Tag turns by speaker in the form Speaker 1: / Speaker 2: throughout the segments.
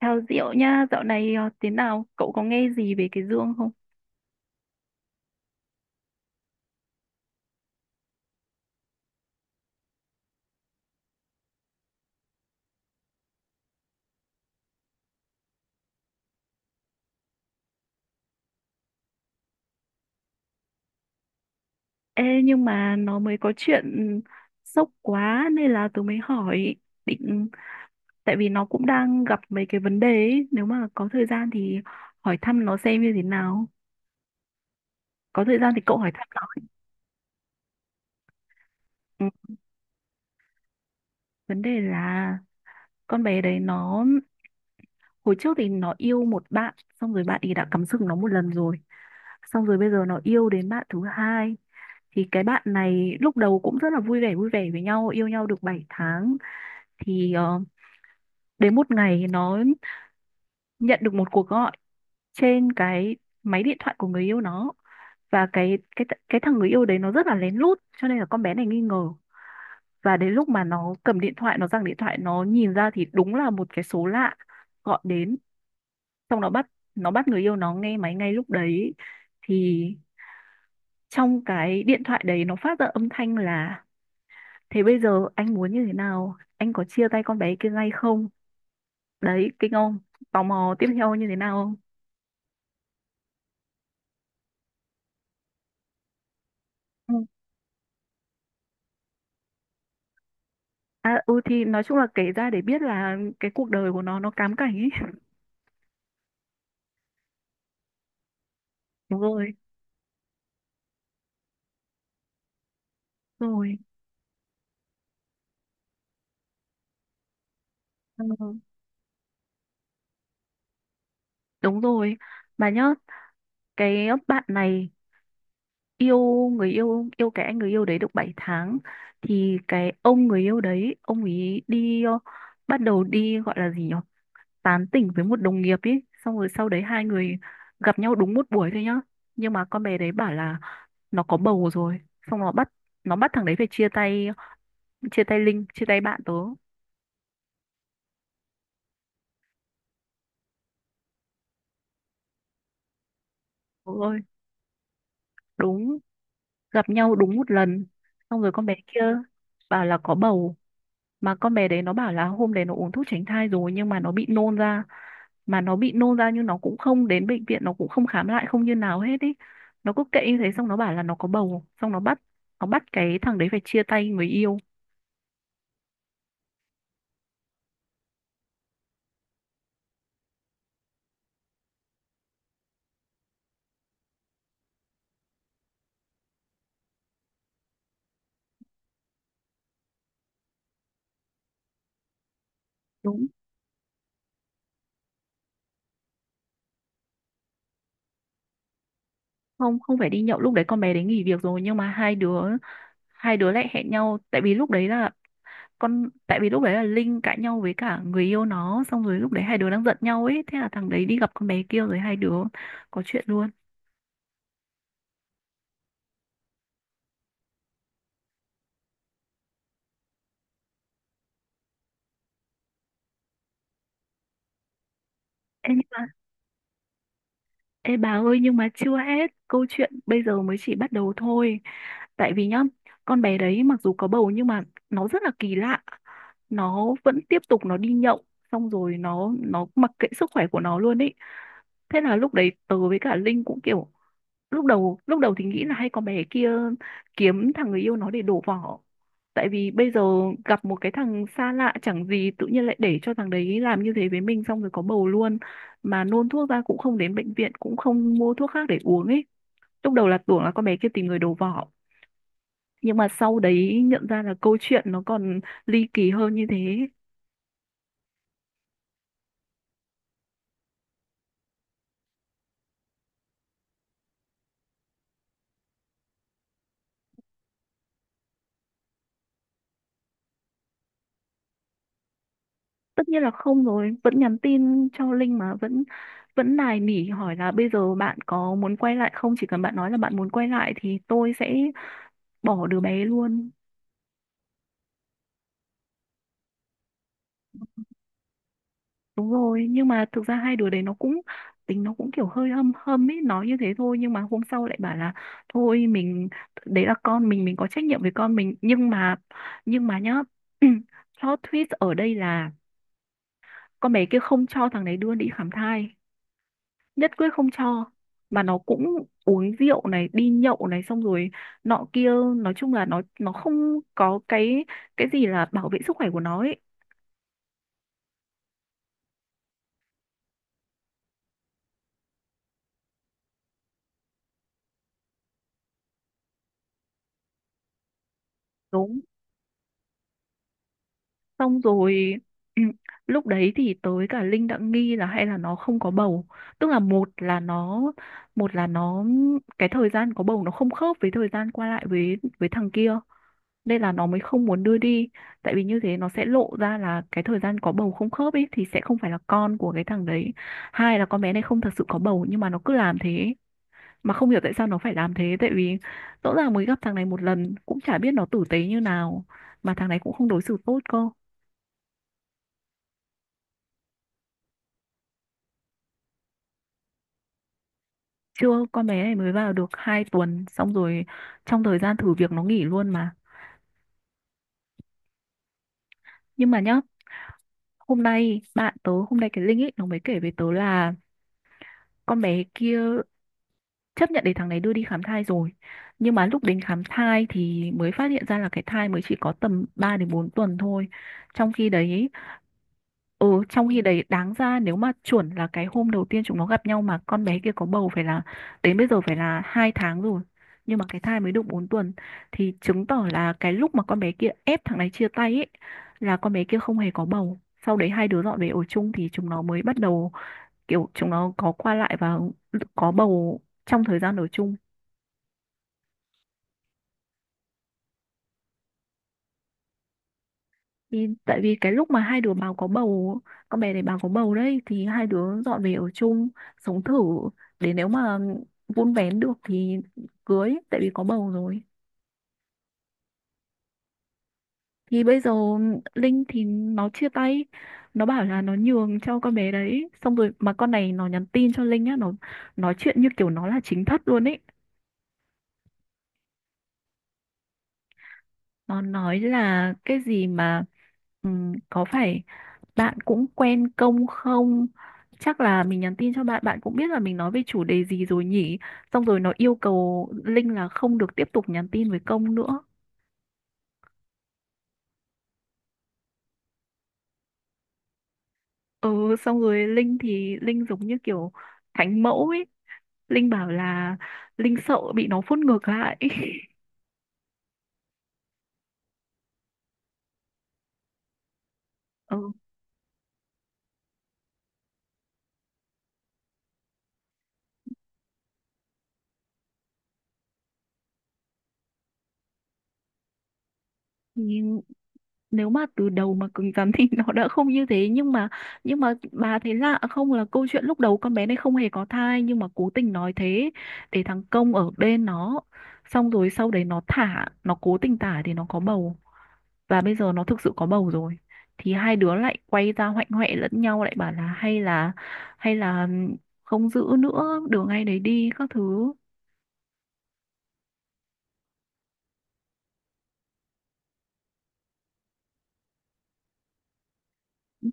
Speaker 1: Thảo Diệu nha, dạo này thế nào? Cậu có nghe gì về cái Dương không? Ê, nhưng mà nó mới có chuyện sốc quá nên là tớ mới hỏi định tại vì nó cũng đang gặp mấy cái vấn đề ấy. Nếu mà có thời gian thì hỏi thăm nó xem như thế nào. Có thời gian thì cậu hỏi thăm nó. Ừ, vấn đề là con bé đấy nó hồi trước thì nó yêu một bạn, xong rồi bạn ấy đã cắm sừng nó một lần rồi, xong rồi bây giờ nó yêu đến bạn thứ hai. Thì cái bạn này lúc đầu cũng rất là vui vẻ, vui vẻ với nhau, yêu nhau được 7 tháng thì đến một ngày nó nhận được một cuộc gọi trên cái máy điện thoại của người yêu nó. Và cái thằng người yêu đấy nó rất là lén lút cho nên là con bé này nghi ngờ. Và đến lúc mà nó cầm điện thoại, nó giằng điện thoại, nó nhìn ra thì đúng là một cái số lạ gọi đến. Xong nó bắt người yêu nó nghe máy ngay lúc đấy. Thì trong cái điện thoại đấy nó phát ra âm thanh là: "Thế bây giờ anh muốn như thế nào, anh có chia tay con bé kia ngay không?" Đấy, kinh. Ông tò mò tiếp theo như thế nào không? Ừ. À, ừ thì nói chung là kể ra để biết là cái cuộc đời của nó cám cảnh ấy. Đúng rồi. Đúng rồi. Ừ. Đúng rồi. Bà nhớ cái bạn này yêu cái anh người yêu đấy được 7 tháng. Thì cái ông người yêu đấy ông ấy đi bắt đầu đi, gọi là gì nhỉ, tán tỉnh với một đồng nghiệp ý. Xong rồi sau đấy hai người gặp nhau đúng một buổi thôi nhá. Nhưng mà con bé đấy bảo là nó có bầu rồi. Xong nó bắt thằng đấy phải chia tay, chia tay Linh, chia tay bạn tớ. Ôi, đúng. Gặp nhau đúng một lần xong rồi con bé kia bảo là có bầu. Mà con bé đấy nó bảo là hôm đấy nó uống thuốc tránh thai rồi nhưng mà nó bị nôn ra. Mà nó bị nôn ra nhưng nó cũng không đến bệnh viện, nó cũng không khám lại, không như nào hết ý. Nó cứ kệ như thế, xong nó bảo là nó có bầu, xong nó bắt cái thằng đấy phải chia tay người yêu. Đúng. Không, không phải đi nhậu, lúc đấy con bé đấy nghỉ việc rồi nhưng mà hai đứa lại hẹn nhau tại vì lúc đấy là Linh cãi nhau với cả người yêu nó, xong rồi lúc đấy hai đứa đang giận nhau ấy, thế là thằng đấy đi gặp con bé kia rồi hai đứa có chuyện luôn. Ê, nhưng mà. Ê, bà ơi, nhưng mà chưa hết câu chuyện, bây giờ mới chỉ bắt đầu thôi. Tại vì nhá, con bé đấy mặc dù có bầu nhưng mà nó rất là kỳ lạ, nó vẫn tiếp tục nó đi nhậu, xong rồi nó mặc kệ sức khỏe của nó luôn ý. Thế là lúc đấy tớ với cả Linh cũng kiểu lúc đầu thì nghĩ là hay con bé kia kiếm thằng người yêu nó để đổ vỏ. Tại vì bây giờ gặp một cái thằng xa lạ chẳng gì, tự nhiên lại để cho thằng đấy làm như thế với mình xong rồi có bầu luôn. Mà nôn thuốc ra cũng không đến bệnh viện, cũng không mua thuốc khác để uống ấy. Lúc đầu là tưởng là con bé kia tìm người đổ vỏ, nhưng mà sau đấy nhận ra là câu chuyện nó còn ly kỳ hơn như thế. Tất nhiên là không rồi, vẫn nhắn tin cho Linh mà vẫn vẫn nài nỉ hỏi là bây giờ bạn có muốn quay lại không, chỉ cần bạn nói là bạn muốn quay lại thì tôi sẽ bỏ đứa bé luôn. Đúng rồi, nhưng mà thực ra hai đứa đấy nó cũng, tính nó cũng kiểu hơi hâm hâm ấy, nói như thế thôi nhưng mà hôm sau lại bảo là thôi mình, đấy là con mình có trách nhiệm với con mình. Nhưng mà nhá, plot twist ở đây là con bé kia không cho thằng đấy đưa đi khám thai, nhất quyết không cho. Mà nó cũng uống rượu này, đi nhậu này, xong rồi nọ kia, nói chung là nó không có cái gì là bảo vệ sức khỏe của nó ấy. Đúng. Xong rồi ừ, lúc đấy thì tới cả Linh đã nghi là hay là nó không có bầu. Tức là một là nó cái thời gian có bầu nó không khớp với thời gian qua lại với thằng kia, nên là nó mới không muốn đưa đi, tại vì như thế nó sẽ lộ ra là cái thời gian có bầu không khớp ấy, thì sẽ không phải là con của cái thằng đấy. Hai là con bé này không thật sự có bầu nhưng mà nó cứ làm thế, mà không hiểu tại sao nó phải làm thế, tại vì rõ ràng mới gặp thằng này một lần cũng chả biết nó tử tế như nào, mà thằng này cũng không đối xử tốt cơ. Chưa, con bé này mới vào được 2 tuần, xong rồi trong thời gian thử việc nó nghỉ luôn mà. Nhưng mà nhá, hôm nay bạn tớ, hôm nay cái Linh ấy nó mới kể với tớ là con bé kia chấp nhận để thằng này đưa đi khám thai rồi. Nhưng mà lúc đến khám thai thì mới phát hiện ra là cái thai mới chỉ có tầm 3 đến 4 tuần thôi, trong khi đấy. Ừ, trong khi đấy đáng ra nếu mà chuẩn là cái hôm đầu tiên chúng nó gặp nhau mà con bé kia có bầu, phải là đến bây giờ phải là 2 tháng rồi. Nhưng mà cái thai mới được 4 tuần, thì chứng tỏ là cái lúc mà con bé kia ép thằng này chia tay ấy, là con bé kia không hề có bầu. Sau đấy hai đứa dọn về ở chung thì chúng nó mới bắt đầu, kiểu chúng nó có qua lại và có bầu trong thời gian ở chung. Thì tại vì cái lúc mà hai đứa báo có bầu, con bé này báo có bầu đấy, thì hai đứa dọn về ở chung sống thử, để nếu mà vun vén được thì cưới, tại vì có bầu rồi. Thì bây giờ Linh thì nó chia tay, nó bảo là nó nhường cho con bé đấy, xong rồi mà con này nó nhắn tin cho Linh á, nó nói chuyện như kiểu nó là chính thất luôn ấy. Nó nói là cái gì mà có phải bạn cũng quen công không, chắc là mình nhắn tin cho bạn bạn cũng biết là mình nói về chủ đề gì rồi nhỉ. Xong rồi nó yêu cầu Linh là không được tiếp tục nhắn tin với công nữa. Ừ, xong rồi Linh thì Linh giống như kiểu thánh mẫu ấy, Linh bảo là Linh sợ bị nó phốt ngược lại. Ừ, nếu mà từ đầu mà cứng rắn thì nó đã không như thế. Nhưng mà bà thấy lạ không, là câu chuyện lúc đầu con bé này không hề có thai nhưng mà cố tình nói thế để thằng Công ở bên nó, xong rồi sau đấy nó thả, nó cố tình thả thì nó có bầu, và bây giờ nó thực sự có bầu rồi, thì hai đứa lại quay ra hoạnh hoẹ lẫn nhau, lại bảo là, hay là không giữ nữa, đường ngay đấy đi các thứ.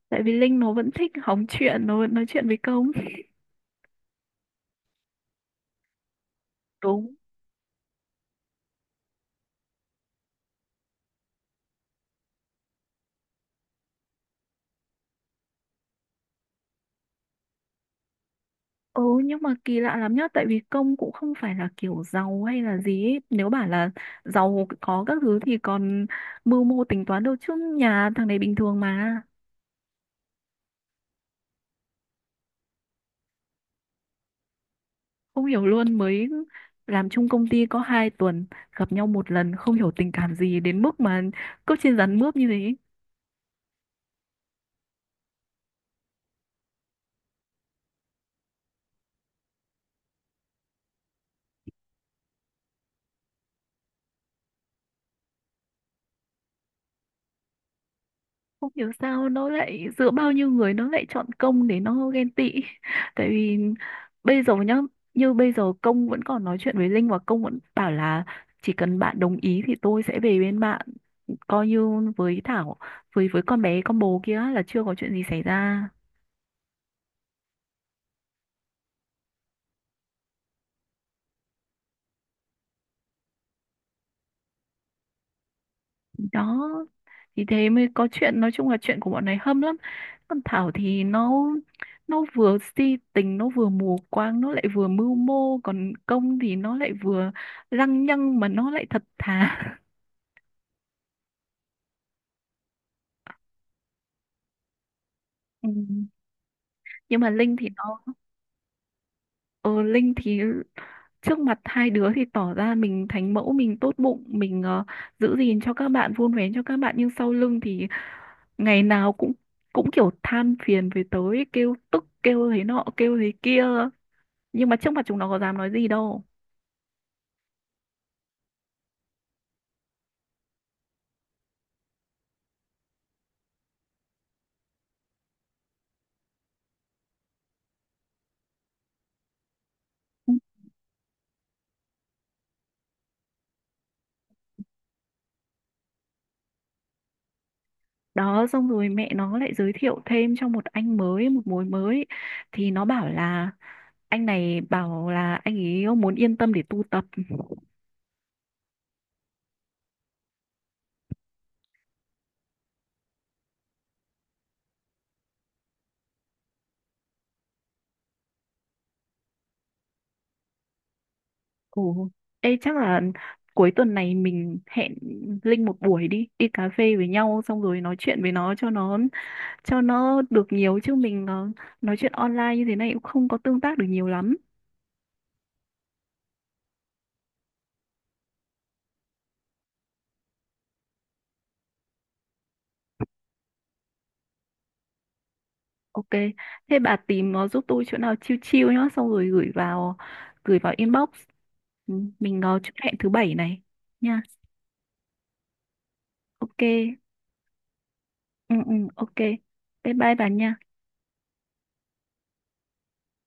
Speaker 1: Tại vì Linh nó vẫn thích hóng chuyện, nó vẫn nói chuyện với Công. Đúng. Ừ, nhưng mà kỳ lạ lắm nhá. Tại vì công cũng không phải là kiểu giàu hay là gì ấy. Nếu bảo là giàu có các thứ thì còn mưu mô tính toán, đâu chứ nhà thằng này bình thường mà. Không hiểu luôn, mới làm chung công ty có 2 tuần, gặp nhau một lần không hiểu tình cảm gì đến mức mà cứ trên rắn mướp như thế. Không hiểu sao nó lại giữa bao nhiêu người nó lại chọn công để nó ghen tị. Tại vì bây giờ nhá, như bây giờ công vẫn còn nói chuyện với Linh, và công vẫn bảo là chỉ cần bạn đồng ý thì tôi sẽ về bên bạn, coi như với Thảo, với con bé con bồ kia là chưa có chuyện gì xảy ra. Đó, thì thế mới có chuyện, nói chung là chuyện của bọn này hâm lắm. Còn Thảo thì nó vừa si tình, nó vừa mù quáng, nó lại vừa mưu mô, còn Công thì nó lại vừa lăng nhăng mà nó lại thật thà. Ừ. Nhưng mà Linh thì trước mặt hai đứa thì tỏ ra mình thánh mẫu, mình tốt bụng, mình giữ gìn cho các bạn, vun vén cho các bạn, nhưng sau lưng thì ngày nào cũng cũng kiểu than phiền về tới, kêu tức, kêu thế nọ, kêu thế kia, nhưng mà trước mặt chúng nó có dám nói gì đâu. Đó, xong rồi mẹ nó lại giới thiệu thêm cho một anh mới, một mối mới, thì nó bảo là anh này bảo là anh ấy muốn yên tâm để tu tập. Ồ, ê, chắc là cuối tuần này mình hẹn Linh một buổi đi đi cà phê với nhau, xong rồi nói chuyện với nó cho nó được nhiều, chứ mình nói chuyện online như thế này cũng không có tương tác được nhiều lắm. Ok, thế bà tìm giúp tôi chỗ nào chill chill nhá, xong rồi gửi vào inbox. Ừ, mình có chốt hẹn thứ bảy này nha. Ok, ừ, ừ, ok. Bye bye bà nha.